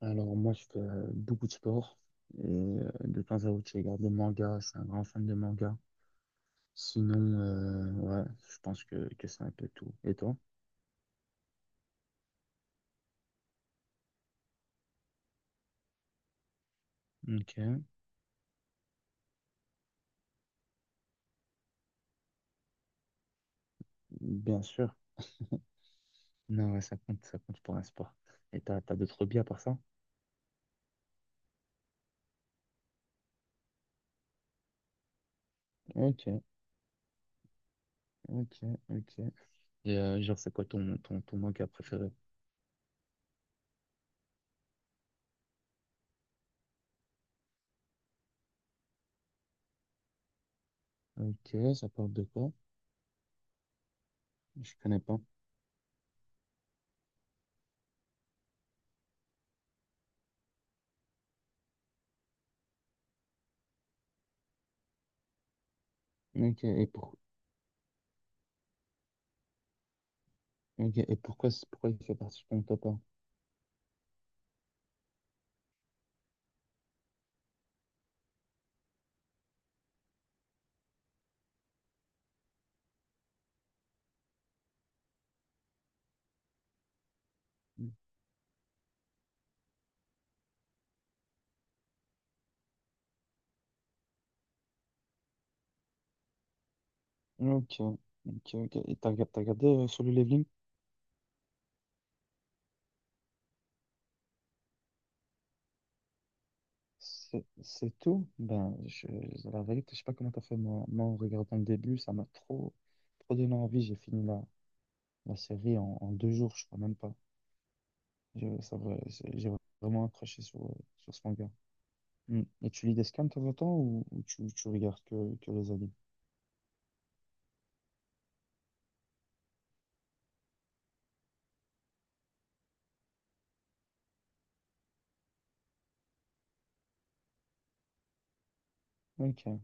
Alors moi, je fais beaucoup de sport et de temps à autre, je regarde des mangas. Je suis un grand fan de mangas. Sinon, ouais, je pense que c'est un peu tout. Et toi? Ok, bien sûr. Non, ouais, ça compte pour un sport. Et t'as d'autres hobbies à part ça? Ok, ok, ok. Et genre, c'est quoi ton manga préféré? Ok, ça parle de quoi? Je connais pas. Ok, et, pour... ok, et pourquoi, pourquoi il fait partie de ton top 1? Ok, ok, ok. Et t'as regardé Solo Leveling? C'est tout. Ben, la vérité, je sais pas comment t'as fait. Moi, en regardant le début, ça m'a trop donné envie. J'ai fini la série en deux jours, je crois même pas. J'ai vraiment accroché sur ce manga. Mm. Et tu lis des scans de temps en temps ou tu regardes que les animes? Ok,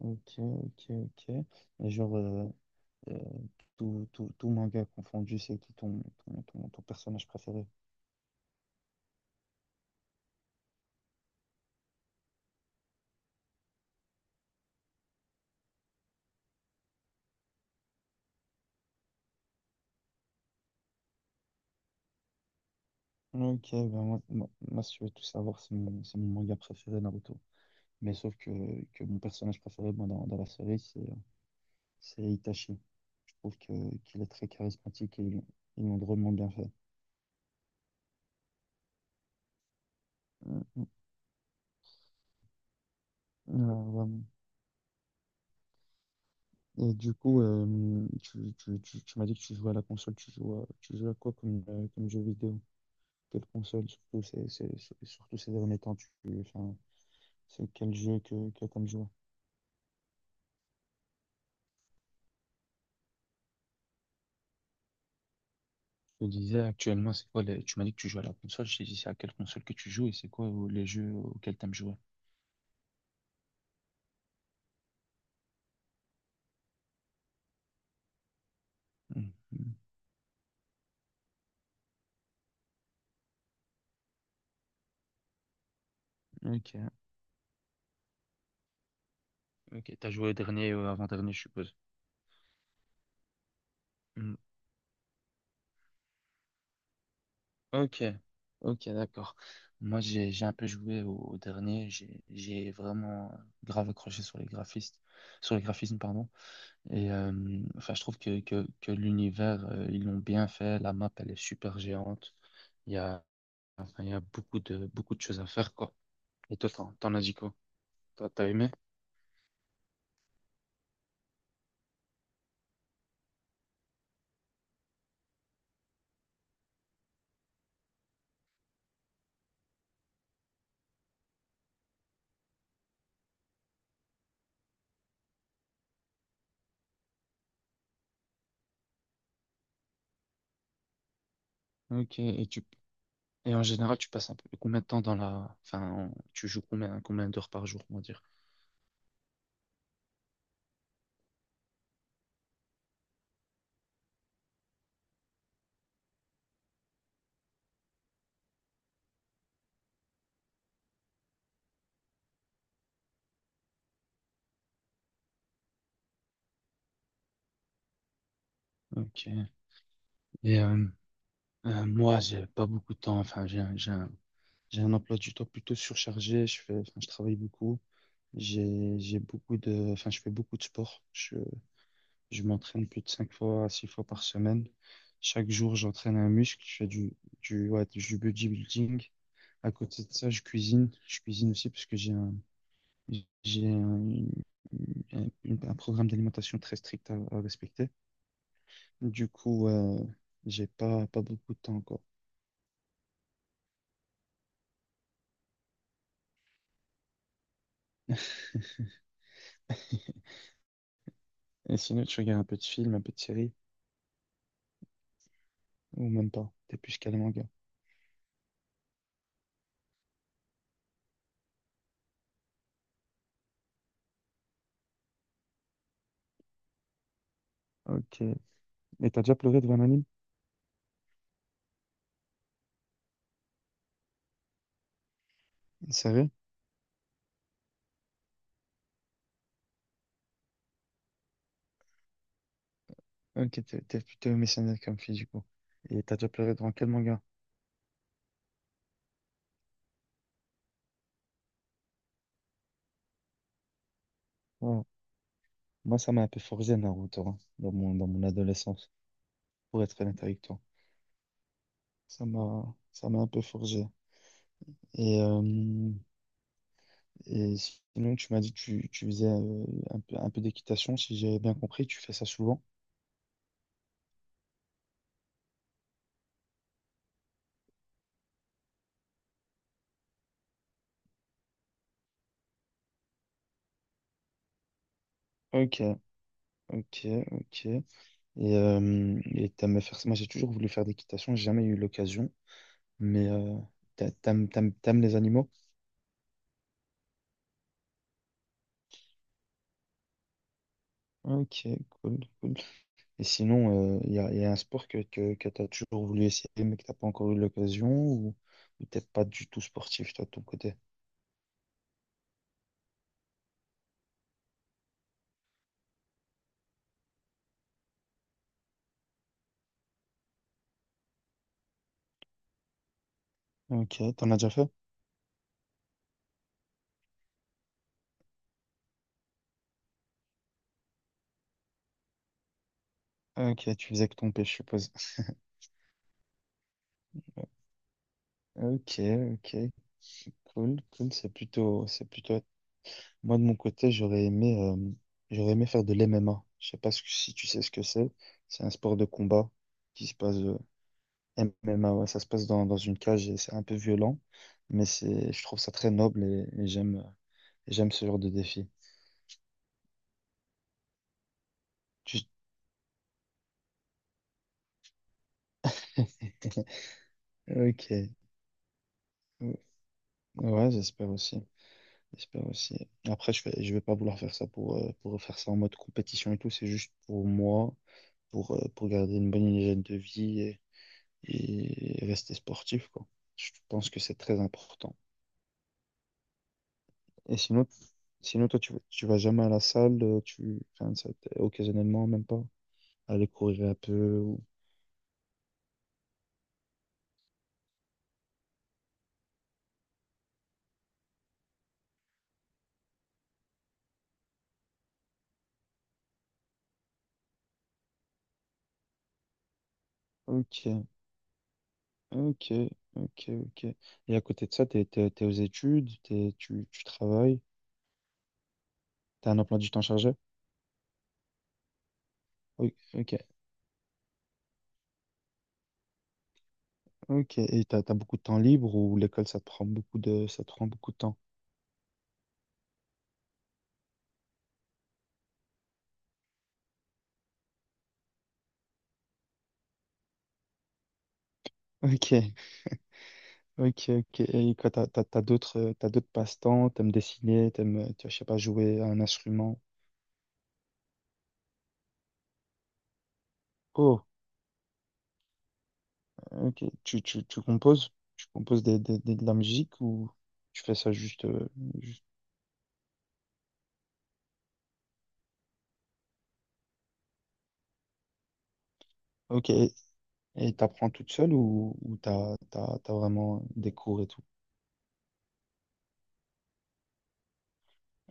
ok, ok, ok. Et genre, euh, tout manga confondu, c'est qui ton personnage préféré? Ok, ben moi, si tu veux tout savoir, c'est mon manga préféré, Naruto. Mais sauf que mon personnage préféré moi, dans la série, c'est Itachi. Je trouve que qu'il est très charismatique et ils l'ont drôlement bien fait. Euh, euh, Et du coup, tu m'as dit que tu jouais à la console, tu joues à quoi comme, comme jeu vidéo? Quelle console, surtout, surtout ces derniers temps, enfin, c'est quel jeu que comme joueur? Je te disais actuellement, Tu m'as dit que tu joues à la console, je te dis c'est à quelle console que tu joues et c'est quoi les jeux auxquels tu aimes jouer. Mhm. Ok. Ok, t'as joué au dernier ou avant-dernier, je suppose. Hmm, ok, ok, d'accord. Moi, j'ai un peu joué au dernier. J'ai vraiment grave accroché sur les graphistes, sur les graphismes, pardon. Et enfin, je trouve que l'univers, ils l'ont bien fait. La map, elle est super géante. Il y a enfin, il y a beaucoup de choses à faire, quoi. Et toi, t'en as dit quoi? Toi, t'as aimé? Ok. Et tu et en général, tu passes un peu combien de temps dans enfin, tu joues combien d'heures par jour, on va dire? Ok. Et euh, Moi, j'ai pas beaucoup de temps. Enfin, j'ai un emploi du temps plutôt surchargé. Enfin, je travaille beaucoup. Enfin, je fais beaucoup de sport. Je m'entraîne plus de cinq fois à six fois par semaine. Chaque jour, j'entraîne un muscle. Je fais ouais, du bodybuilding. À côté de ça, je cuisine. Je cuisine aussi parce que j'ai un, un, un programme d'alimentation très strict à respecter. Du coup, j'ai pas beaucoup de temps, encore. Et sinon, tu regardes un peu de film, un peu de série, ou même pas. T'es plus calé manga. Ok. Et t'as déjà pleuré devant un anime? Sérieux? Ok, t'es plutôt missionnaire comme fille, du coup. Et t'as déjà pleuré devant quel manga? Oh. Moi, ça m'a un peu forgé Naruto, hein, dans mon adolescence, pour être honnête avec toi. Ça m'a un peu forgé. Et, euh, et sinon, tu m'as dit que tu faisais un peu d'équitation, si j'ai bien compris, tu fais ça souvent. Ok, ok, ok. Et t'aimes faire ça. Moi, j'ai toujours voulu faire d'équitation, j'ai jamais eu l'occasion. Mais t'aimes les animaux? Ok, cool, cool. Et sinon, y a un sport que t'as toujours voulu essayer, mais que t'as pas encore eu l'occasion, ou t'es pas du tout sportif, toi, de ton côté? Ok, t'en as déjà fait? Ok, tu faisais que ton je suppose. Ok, ok, cool, cool. C'est plutôt Moi, de mon côté, j'aurais aimé faire de l'MMA. Je sais pas si tu sais ce que c'est. C'est un sport de combat qui se passe, MMA, ouais, ça se passe dans une cage et c'est un peu violent, mais je trouve ça très noble et j'aime ce genre de défi. Tu- Ok. Ouais, j'espère aussi. J'espère aussi. Après, je vais pas vouloir faire ça pour faire ça en mode compétition et tout. C'est juste pour moi, pour garder une bonne hygiène de vie et rester sportif, quoi. Je pense que c'est très important. Et sinon toi, tu vas jamais à la salle, enfin, occasionnellement, même pas, aller courir un peu. Ok, ok, ok, ok. Et à côté de ça, t'es aux études, tu travailles, t'as un emploi du temps chargé? Oui, ok, ok. Et t'as beaucoup de temps libre ou l'école, ça te prend beaucoup de temps? Ok. Ok, ok. Et quoi, t'as d'autres, passe-temps, t'aimes dessiner, tu vois, je sais pas, jouer à un instrument. Oh, ok. Tu composes? Tu composes de la musique ou tu fais ça juste, juste... Ok. Et t'apprends toute seule ou t'as vraiment des cours et tout?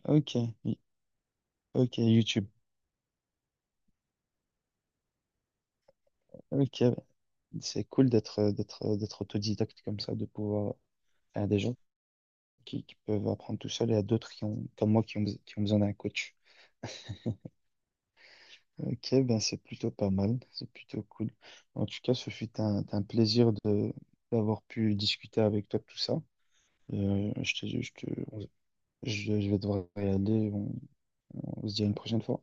Ok, y- ok, YouTube. Ok, c'est cool d'être autodidacte comme ça, de pouvoir... Il y a des gens qui peuvent apprendre tout seul et il y a d'autres comme moi, qui ont besoin d'un coach. Ok, ben c'est plutôt pas mal, c'est plutôt cool. En tout cas, ce fut un plaisir de d'avoir pu discuter avec toi de tout ça. Euh, je te, je te- je vais devoir y aller, on se dit à une prochaine fois.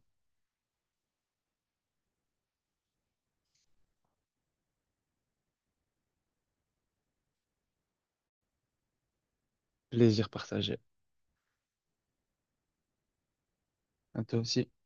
Plaisir partagé. À toi aussi.